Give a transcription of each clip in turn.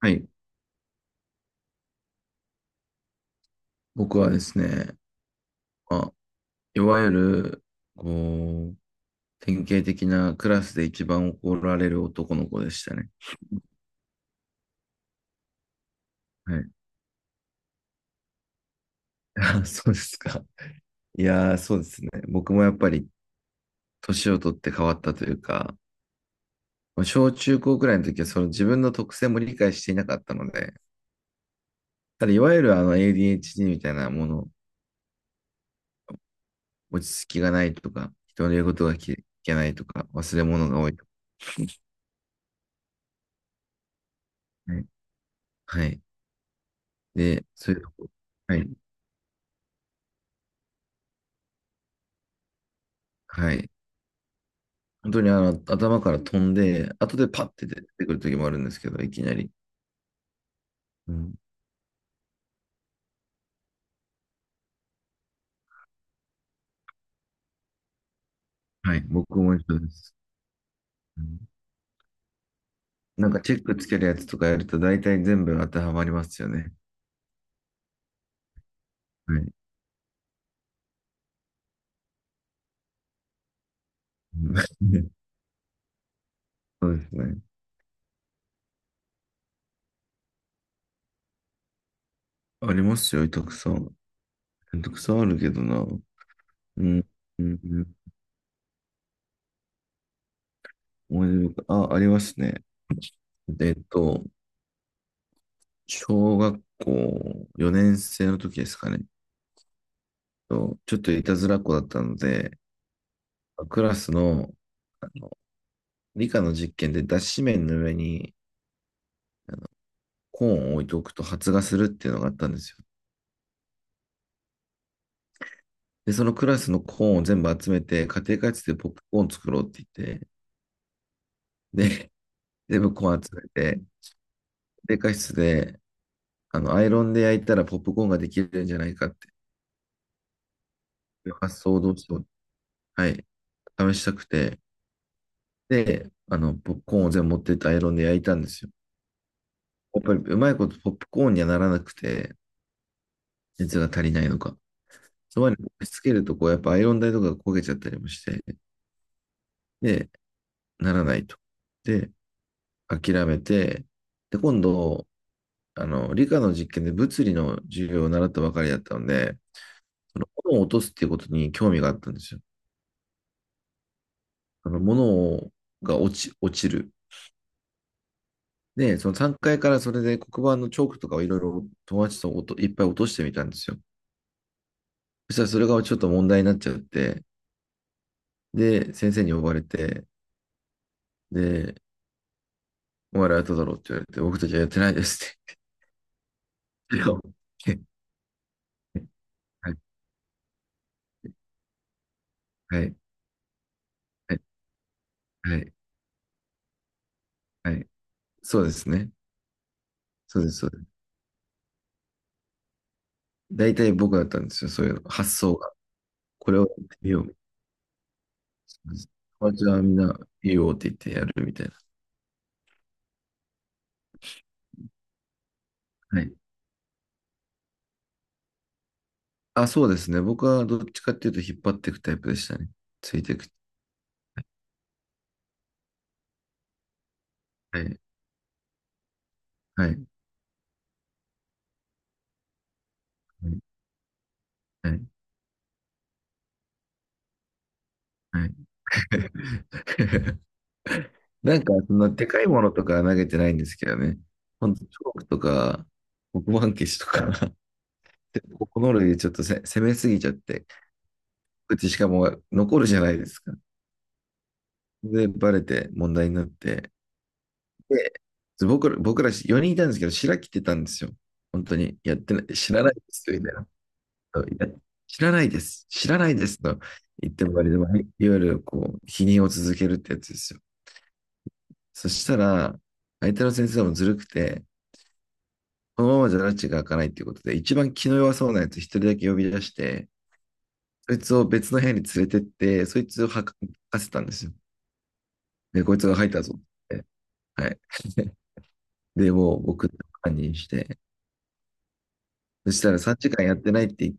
はい。僕はですね、いわゆる、こう、典型的なクラスで一番怒られる男の子でしたね。はい。あ、そうですか。いやー、そうですね。僕もやっぱり年を取って変わったというか、小中高くらいの時はその自分の特性も理解していなかったので、ただいわゆるあの ADHD みたいなもの、落ち着きがないとか、人の言うことが聞けないとか、忘れ物が多いとかね。はい。で、そういうとこ。はい。はい。本当にあの頭から飛んで、後でパッて出てくる時もあるんですけど、いきなり。うん。はい、僕も一緒です。うん。なんかチェックつけるやつとかやると大体全部当てはまりますよね。はい。うん。 そうですね。ありますよ、たくさん。たくさんあるけどな。うん。うん。うん。思い出深い、あ、ありますね。えっと、小学校4年生の時ですかね。とちょっといたずらっ子だったので、クラスの理科の実験で脱脂綿の上にコーンを置いておくと発芽するっていうのがあったんですよ。で、そのクラスのコーンを全部集めて、家庭科室でポップコーン作ろうって言って、で、全部コーン集めて、家庭科室で、アイロンで焼いたらポップコーンができるんじゃないかっていう発想をどうしても、はい、試したくて、で、ポップコーンを全部持ってってアイロンで焼いたんですよ。やっぱりうまいことポップコーンにはならなくて、熱が足りないのか。そばに押し付けると、こう、やっぱアイロン台とかが焦げちゃったりもして、で、ならないと。で、諦めて、で、今度、理科の実験で物理の授業を習ったばかりだったので、その物を落とすっていうことに興味があったんですよ。物が落ちる。で、その3階からそれで黒板のチョークとかをいろいろ友達といっぱい落としてみたんですよ。そしたらそれがちょっと問題になっちゃって、で、先生に呼ばれて、で、お前らやっただろうって言われて、僕たちはやってないですって。はい、はい、はい、はい、はい。そうですね。そうです、そうです。大体僕だったんですよ、そういうの。発想が。これをやってみようみたいな。友達はみんな、いいよって言ってやるみたいな。はい。あ、そうですね。僕はどっちかっていうと引っ張っていくタイプでしたね。ついていく。はい。はい。はい。はい。なんか、そんなでかいものとかは投げてないんですけどね。ほんと、チョークとか、黒板消しとか、でこの類でちょっと攻めすぎちゃって、うちしかも残るじゃないですか。で、バレて問題になって、で僕ら4人いたんですけど、白着てたんですよ。本当に。やってない、知らないです、みたいな。いや、知らないです、知らないです、と言っても割と、いわゆるこう、否認を続けるってやつですよ。そしたら、相手の先生もずるくて、このままじゃ拉致が開かないっていうことで、一番気の弱そうなやつ一人だけ呼び出して、そいつを別の部屋に連れてって、そいつを吐かせたんですよ。で、こいつが入ったぞって。はい。で、もう僕、犯人して、そしたら3時間やってないって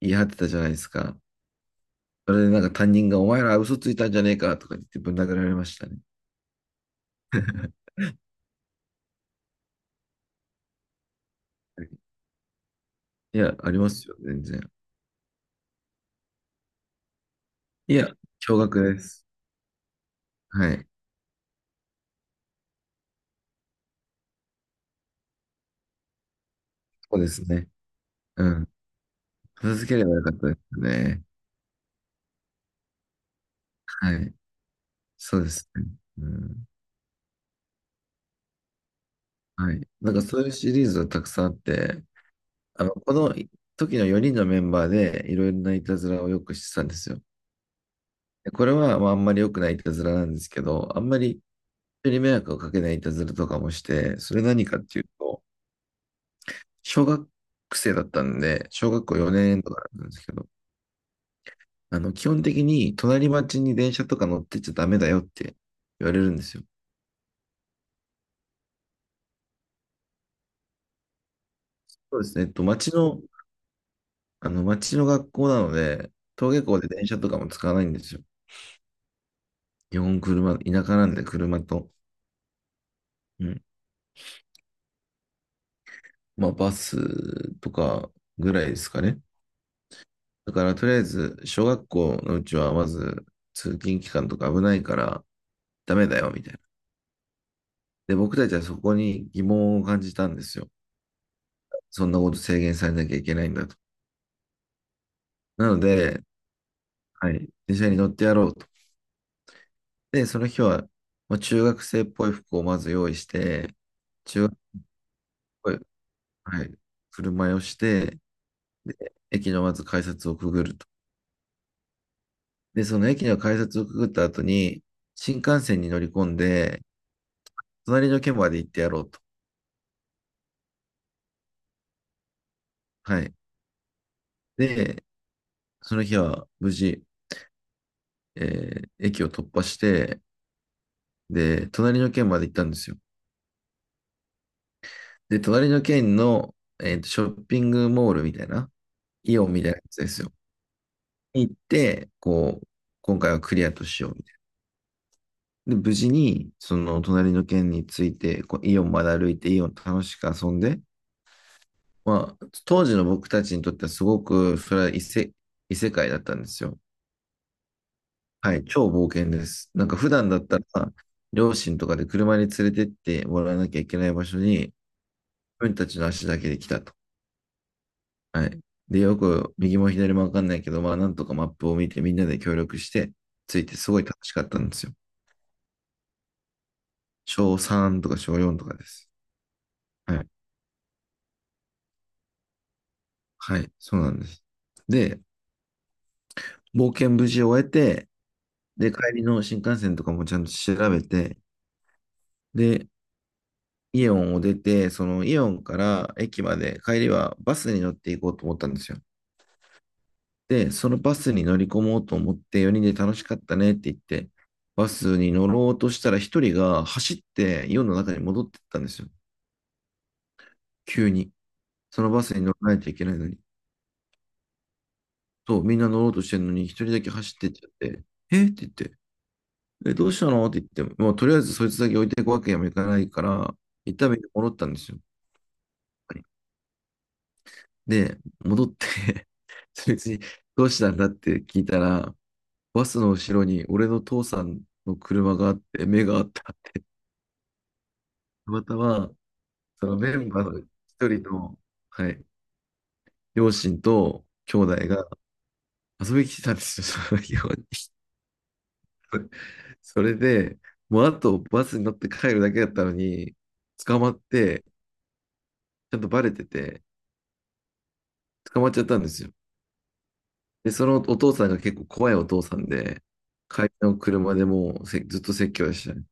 言い張ってたじゃないですか。それでなんか担任がお前ら嘘ついたんじゃねえかとか言ってぶん殴られましたね。いや、ありますよ、全然。いや、驚愕です。はい。そうですね。うん。片付ければよかったですね。はい。そうですね。うん。はい。なんかそういうシリーズはたくさんあって、この時の4人のメンバーでいろいろないたずらをよくしてたんですよ。でこれは、まあ、あんまり良くないいたずらなんですけど、あんまり人に迷惑をかけないいたずらとかもして、それ何かっていうと、小学生だったんで、小学校4年とかなんですけど、基本的に隣町に電車とか乗ってっちゃダメだよって言われるんですよ。そうですね。町の、町の学校なので、登下校で電車とかも使わないんですよ。基本車、田舎なんで車と、うん。まあ、バスとかぐらいですかね。だから、とりあえず、小学校のうちはまず、通勤期間とか危ないから、ダメだよ、みたいな。で、僕たちはそこに疑問を感じたんですよ。そんなこと制限されなきゃいけないんだと。なので、はい、電車に乗ってやろうと。で、その日は、まあ、中学生っぽい服をまず用意して、中学っぽい、はい、振る舞いをして、で、駅のまず改札をくぐると。で、その駅の改札をくぐった後に、新幹線に乗り込んで、隣の県まで行ってやろうと。はい。で、その日は無事、え駅を突破して、で、隣の県まで行ったんですよ。で、隣の県の、ショッピングモールみたいな、イオンみたいなやつですよ。行って、こう、今回はクリアとしようみたいな。で、無事に、その隣の県について、こうイオンまで歩いて、イオン楽しく遊んで、まあ、当時の僕たちにとってはすごく、それは異世界だったんですよ。はい、超冒険です。なんか普段だったら、両親とかで車に連れてってもらわなきゃいけない場所に、自分たちの足だけで来たと。はい。で、よく右も左もわかんないけど、まあなんとかマップを見てみんなで協力してついてすごい楽しかったんですよ。小3とか小4とかです。はい。はい。そうなんです。で、冒険無事終えて、で、帰りの新幹線とかもちゃんと調べて、で、イオンを出て、そのイオンから駅まで帰りはバスに乗っていこうと思ったんですよ。で、そのバスに乗り込もうと思って4人で楽しかったねって言って、バスに乗ろうとしたら1人が走って世の中に戻ってったんですよ。急に。そのバスに乗らないといけないのに。そう、みんな乗ろうとしてるのに1人だけ走ってっちゃって、えって言って、え、どうしたのって言って、もうとりあえずそいつだけ置いていくわけにもいかないから、一旦みんな戻ったんですよ。で、戻って そいつにどうしたんだって聞いたら、バスの後ろに俺の父さんの車があって、目があった。ってたまたま、そのメンバーの一人の、はい、両親と兄弟が遊びに来てたんですよ、その日本に。それで、もうあとバスに乗って帰るだけだったのに、捕まって、ちゃんとバレてて、捕まっちゃったんですよ。で、そのお父さんが結構怖いお父さんで、帰りの車でもうずっと説教でしたね。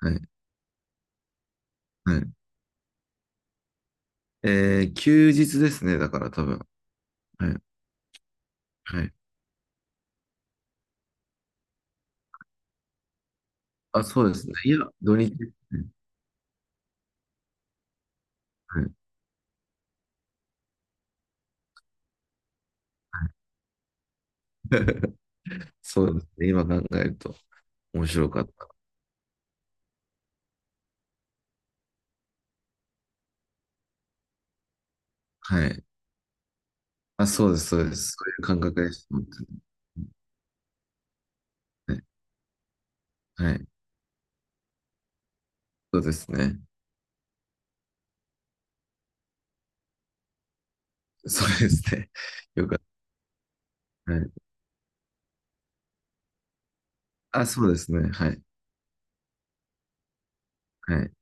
はい。はい。休日ですね、だから多分。はい。はい。あ、そうですね。いや、土日。はい。そうですね。今考えると面白かった。はい。あ、そうです、そうです。そういう感覚でした。本当にね。はい。そうですね。そうですね。よかった。はい。あ、そうですね。はい。はい。